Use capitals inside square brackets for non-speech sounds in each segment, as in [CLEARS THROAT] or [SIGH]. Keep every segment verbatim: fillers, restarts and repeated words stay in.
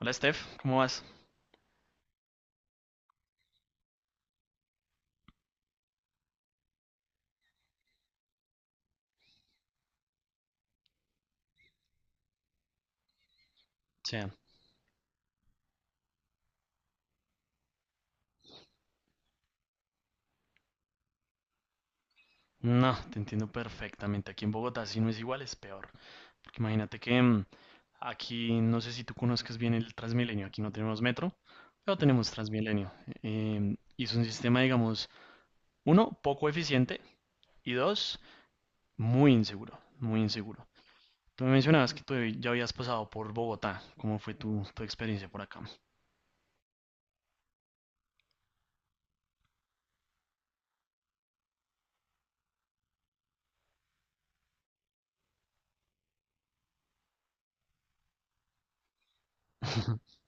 Hola Steph, ¿cómo vas? O sea, no, te entiendo perfectamente. Aquí en Bogotá si no es igual, es peor. Porque imagínate que mm, aquí, no sé si tú conozcas bien el Transmilenio, aquí no tenemos metro, pero tenemos Transmilenio. Em, y es un sistema, digamos, uno, poco eficiente y dos, muy inseguro, muy inseguro. Tú me mencionabas que tú ya habías pasado por Bogotá. ¿Cómo fue tu, tu experiencia por acá? [LAUGHS]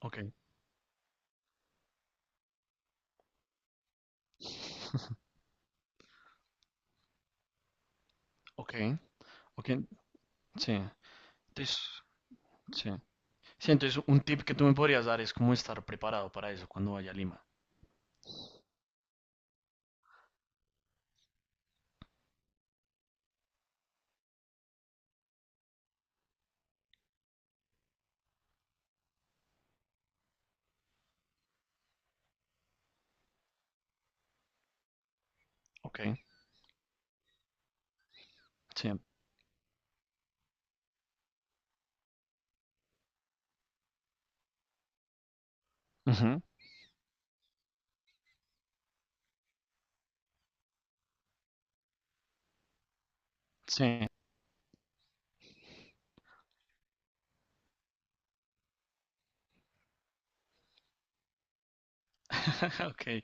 Ok, ok, ok, sí. Entonces, sí. Sí, entonces un tip que tú me podrías dar es cómo estar preparado para eso cuando vaya a Lima. Ok, sí. Ujú. Sí, [LAUGHS] ok,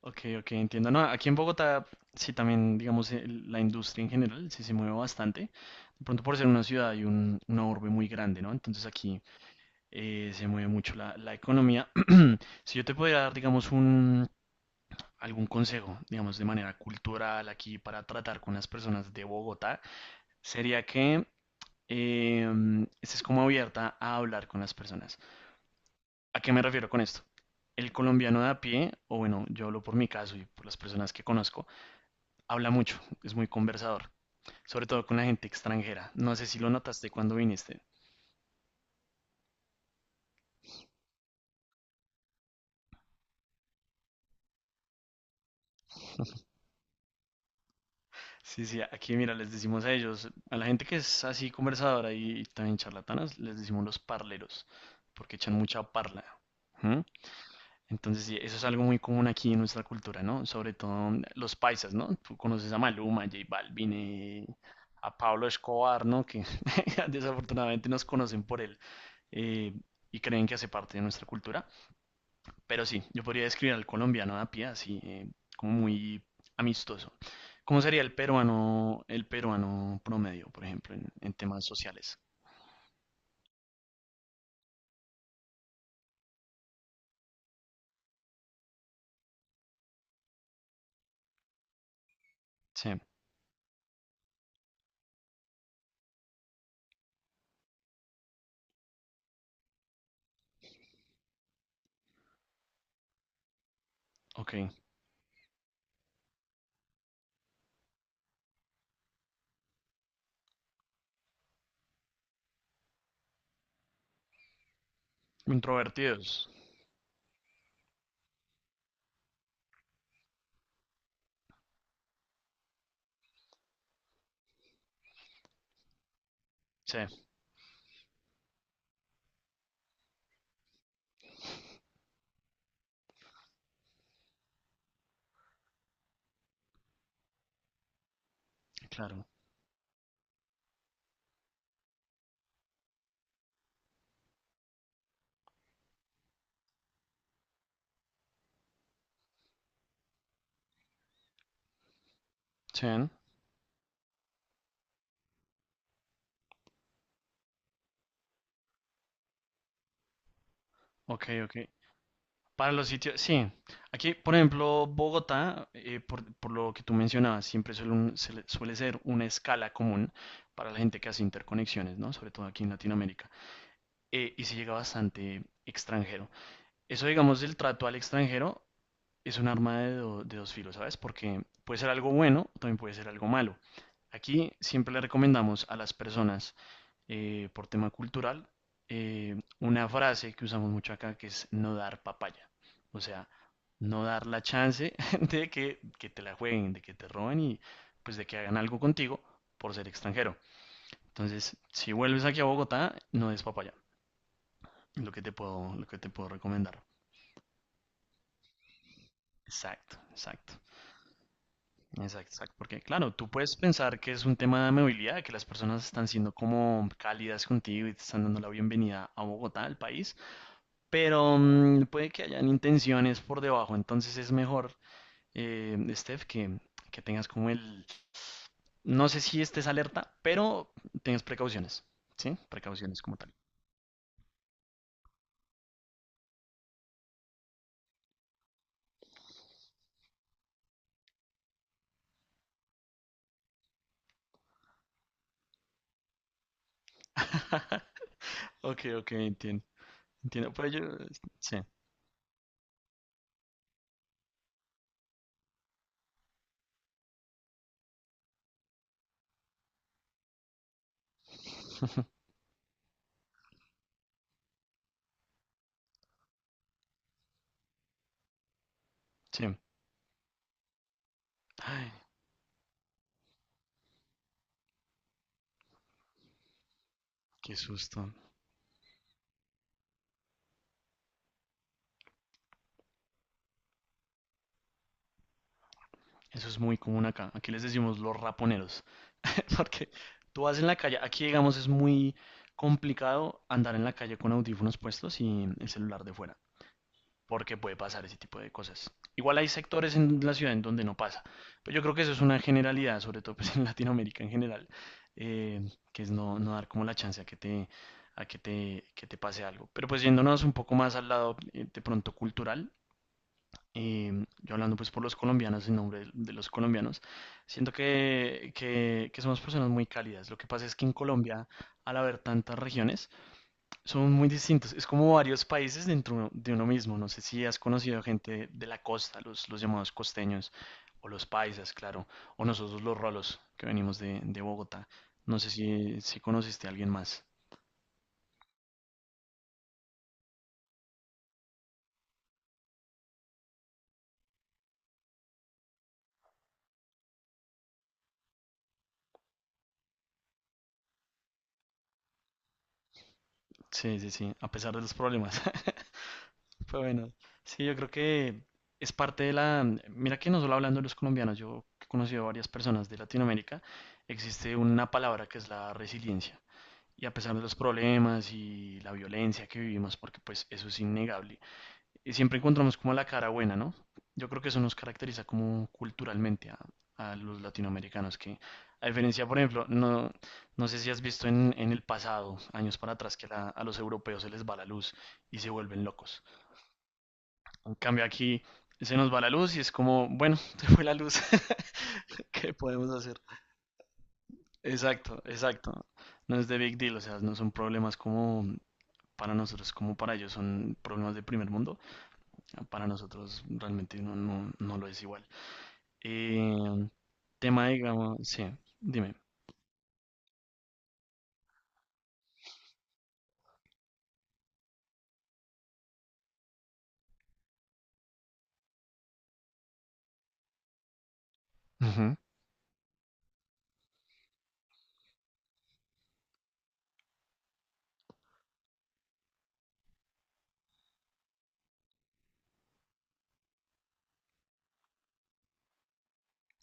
ok, ok, entiendo. No, aquí en Bogotá, sí, también, digamos, el- la industria en general sí se mueve bastante. De pronto por ser una ciudad y un, una urbe muy grande, ¿no? Entonces aquí eh, se mueve mucho la, la economía. [CLEARS THROAT] Si yo te pudiera dar, digamos, un, algún consejo, digamos, de manera cultural aquí para tratar con las personas de Bogotá, sería que em, es como abierta a hablar con las personas. ¿A qué me refiero con esto? El colombiano de a pie, o bueno, yo hablo por mi caso y por las personas que conozco, habla mucho, es muy conversador, sobre todo con la gente extranjera. No sé si lo notaste cuando viniste. Sí, sí, aquí mira, les decimos a ellos, a la gente que es así conversadora y también charlatanas, les decimos los parleros, porque echan mucha parla. ¿Mm? Entonces, sí, eso es algo muy común aquí en nuestra cultura, ¿no? Sobre todo mm, los paisas, ¿no? Tú conoces a Maluma, a J Balvin, eh, a Pablo Escobar, ¿no? Que [LAUGHS] desafortunadamente nos conocen por él eh, y creen que hace parte de nuestra cultura. Pero sí, yo podría describir al colombiano a pie así, eh, como muy amistoso. ¿Cómo sería el peruano, el peruano promedio, por ejemplo, en, en temas sociales? Sí, ok. Introvertidos. Sí, claro. Sí, ok, ok. Para los sitios, sí. Aquí, por ejemplo, Bogotá, eh, por, por lo que tú mencionabas, siempre suele, un- se le- suele ser una escala común para la gente que hace interconexiones, ¿no? Sobre todo aquí en Latinoamérica. Eh, y se llega bastante extranjero. Eso, digamos, del trato al extranjero es un arma de, do- de dos filos, ¿sabes? Porque puede ser algo bueno, también puede ser algo malo. Aquí siempre le recomendamos a las personas eh, por tema cultural, eh, una frase que usamos mucho acá que es no dar papaya. O sea, no dar la chance [LAUGHS] de que, que te la jueguen, de que te roben y pues de que hagan algo contigo por ser extranjero. Entonces, si vuelves aquí a Bogotá, no es papaya. Lo que te puedo, lo que te puedo recomendar. Exacto, exacto. Exacto, exacto. Porque, claro, tú puedes pensar que es un tema de amabilidad, que las personas están siendo como cálidas contigo y te están dando la bienvenida a Bogotá, al país. Pero mm, puede que hayan intenciones por debajo, entonces es mejor, eh, Steph, que, que tengas como el... No sé si estés alerta, pero tengas precauciones, ¿sí? Precauciones como tal. [LAUGHS] Ok, ok, entiendo. Entiendo, pero yo... Sí, [LAUGHS] sí. Ay, qué susto. Eso es muy común acá. Aquí les decimos los raponeros. [LAUGHS] Porque tú vas en la calle, aquí digamos es muy complicado andar en la calle con audífonos puestos y el celular de fuera. Porque puede pasar ese tipo de cosas. Igual hay sectores en la ciudad en donde no pasa, pero yo creo que eso es una generalidad, sobre todo pues, [LAUGHS] en Latinoamérica en general, eh, que es no, no dar como la chance a que te, a que te, que te pase algo. Pero pues yéndonos un poco más al lado eh, de pronto cultural, eh, yo hablando pues por los colombianos, en nombre de, de los colombianos, siento que, que, que somos personas muy cálidas. Lo que pasa es que en Colombia, al haber tantas regiones, son muy distintos. Es como varios países dentro de uno mismo. No sé si has conocido gente de la costa, los, los llamados costeños, o los paisas, claro, o nosotros los rolos que venimos de, de Bogotá. No sé si, si conociste a alguien más. Sí, sí, sí, a pesar de los problemas. [LAUGHS] Pero bueno, sí, yo creo que es parte de la... Mira que no solo hablando de los colombianos, yo he conocido a varias personas de Latinoamérica, existe una palabra que es la resiliencia. Y a pesar de los problemas y la violencia que vivimos, porque pues eso es innegable, eh, siempre encontramos como la cara buena, ¿no? Yo creo que eso nos caracteriza como culturalmente a, a los latinoamericanos, que a diferencia, por ejemplo, no, no sé si has visto en, en el pasado, años para atrás, que la- a los europeos se les va la luz y se vuelven locos. En cambio aquí se nos va la luz y es como, bueno, [LAUGHS] se fue la luz, [LAUGHS] ¿qué podemos hacer? Exacto, exacto. No es de big deal, o sea, no son problemas como para nosotros como para ellos son problemas de primer mundo, para nosotros realmente no, no, no lo es igual. Eh, Tema, digamos, sí, dime. Ujú.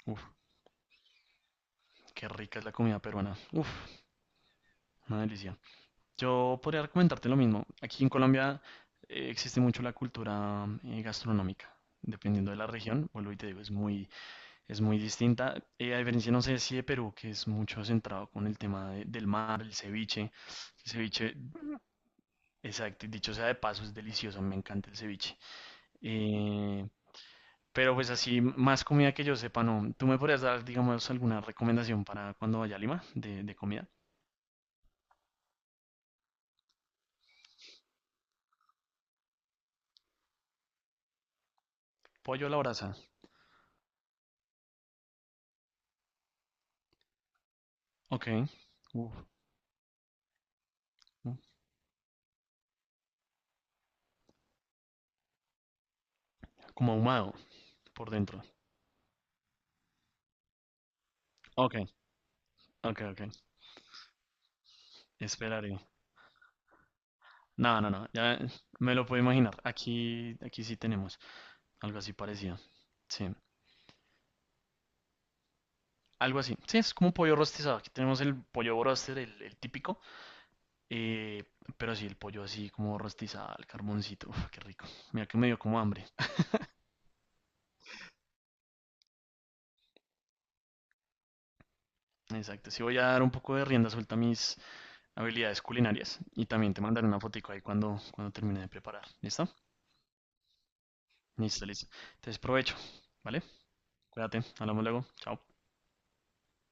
Uf, qué rica es la comida peruana. Uf, una delicia. Yo podría recomendarte lo mismo. Aquí en Colombia eh, existe mucho la cultura eh, gastronómica. Dependiendo de la región, vuelvo y te digo, es muy, es muy distinta. Eh, a diferencia, no sé si de Perú, que es mucho centrado con el tema de- del mar, el ceviche. El ceviche exacto, y dicho sea de paso, es delicioso, me encanta el ceviche. Eh, pero pues así, más comida que yo sepa, no. ¿Tú me podrías dar, digamos, alguna recomendación para cuando vaya a Lima de, de comida? Pollo a la brasa. Ok. Uf, uf, como ahumado por dentro. Ok, ok, ok. Esperaré. No, no, no. Ya me lo puedo imaginar. Aquí, aquí sí tenemos algo así parecido. Sí. Algo así. Sí, es como pollo rostizado. Aquí tenemos el pollo broster, el, el típico. Eh, pero sí, el pollo así como rostizado al carboncito. Uf, qué rico. Mira que me dio como hambre. Exacto. Sí voy a dar un poco de rienda suelta a mis habilidades culinarias. Y también te mandaré una fotico ahí cuando, cuando termine de preparar. ¿Listo? Listo, listo. Entonces provecho. ¿Vale? Cuídate. Hablamos luego. Chao.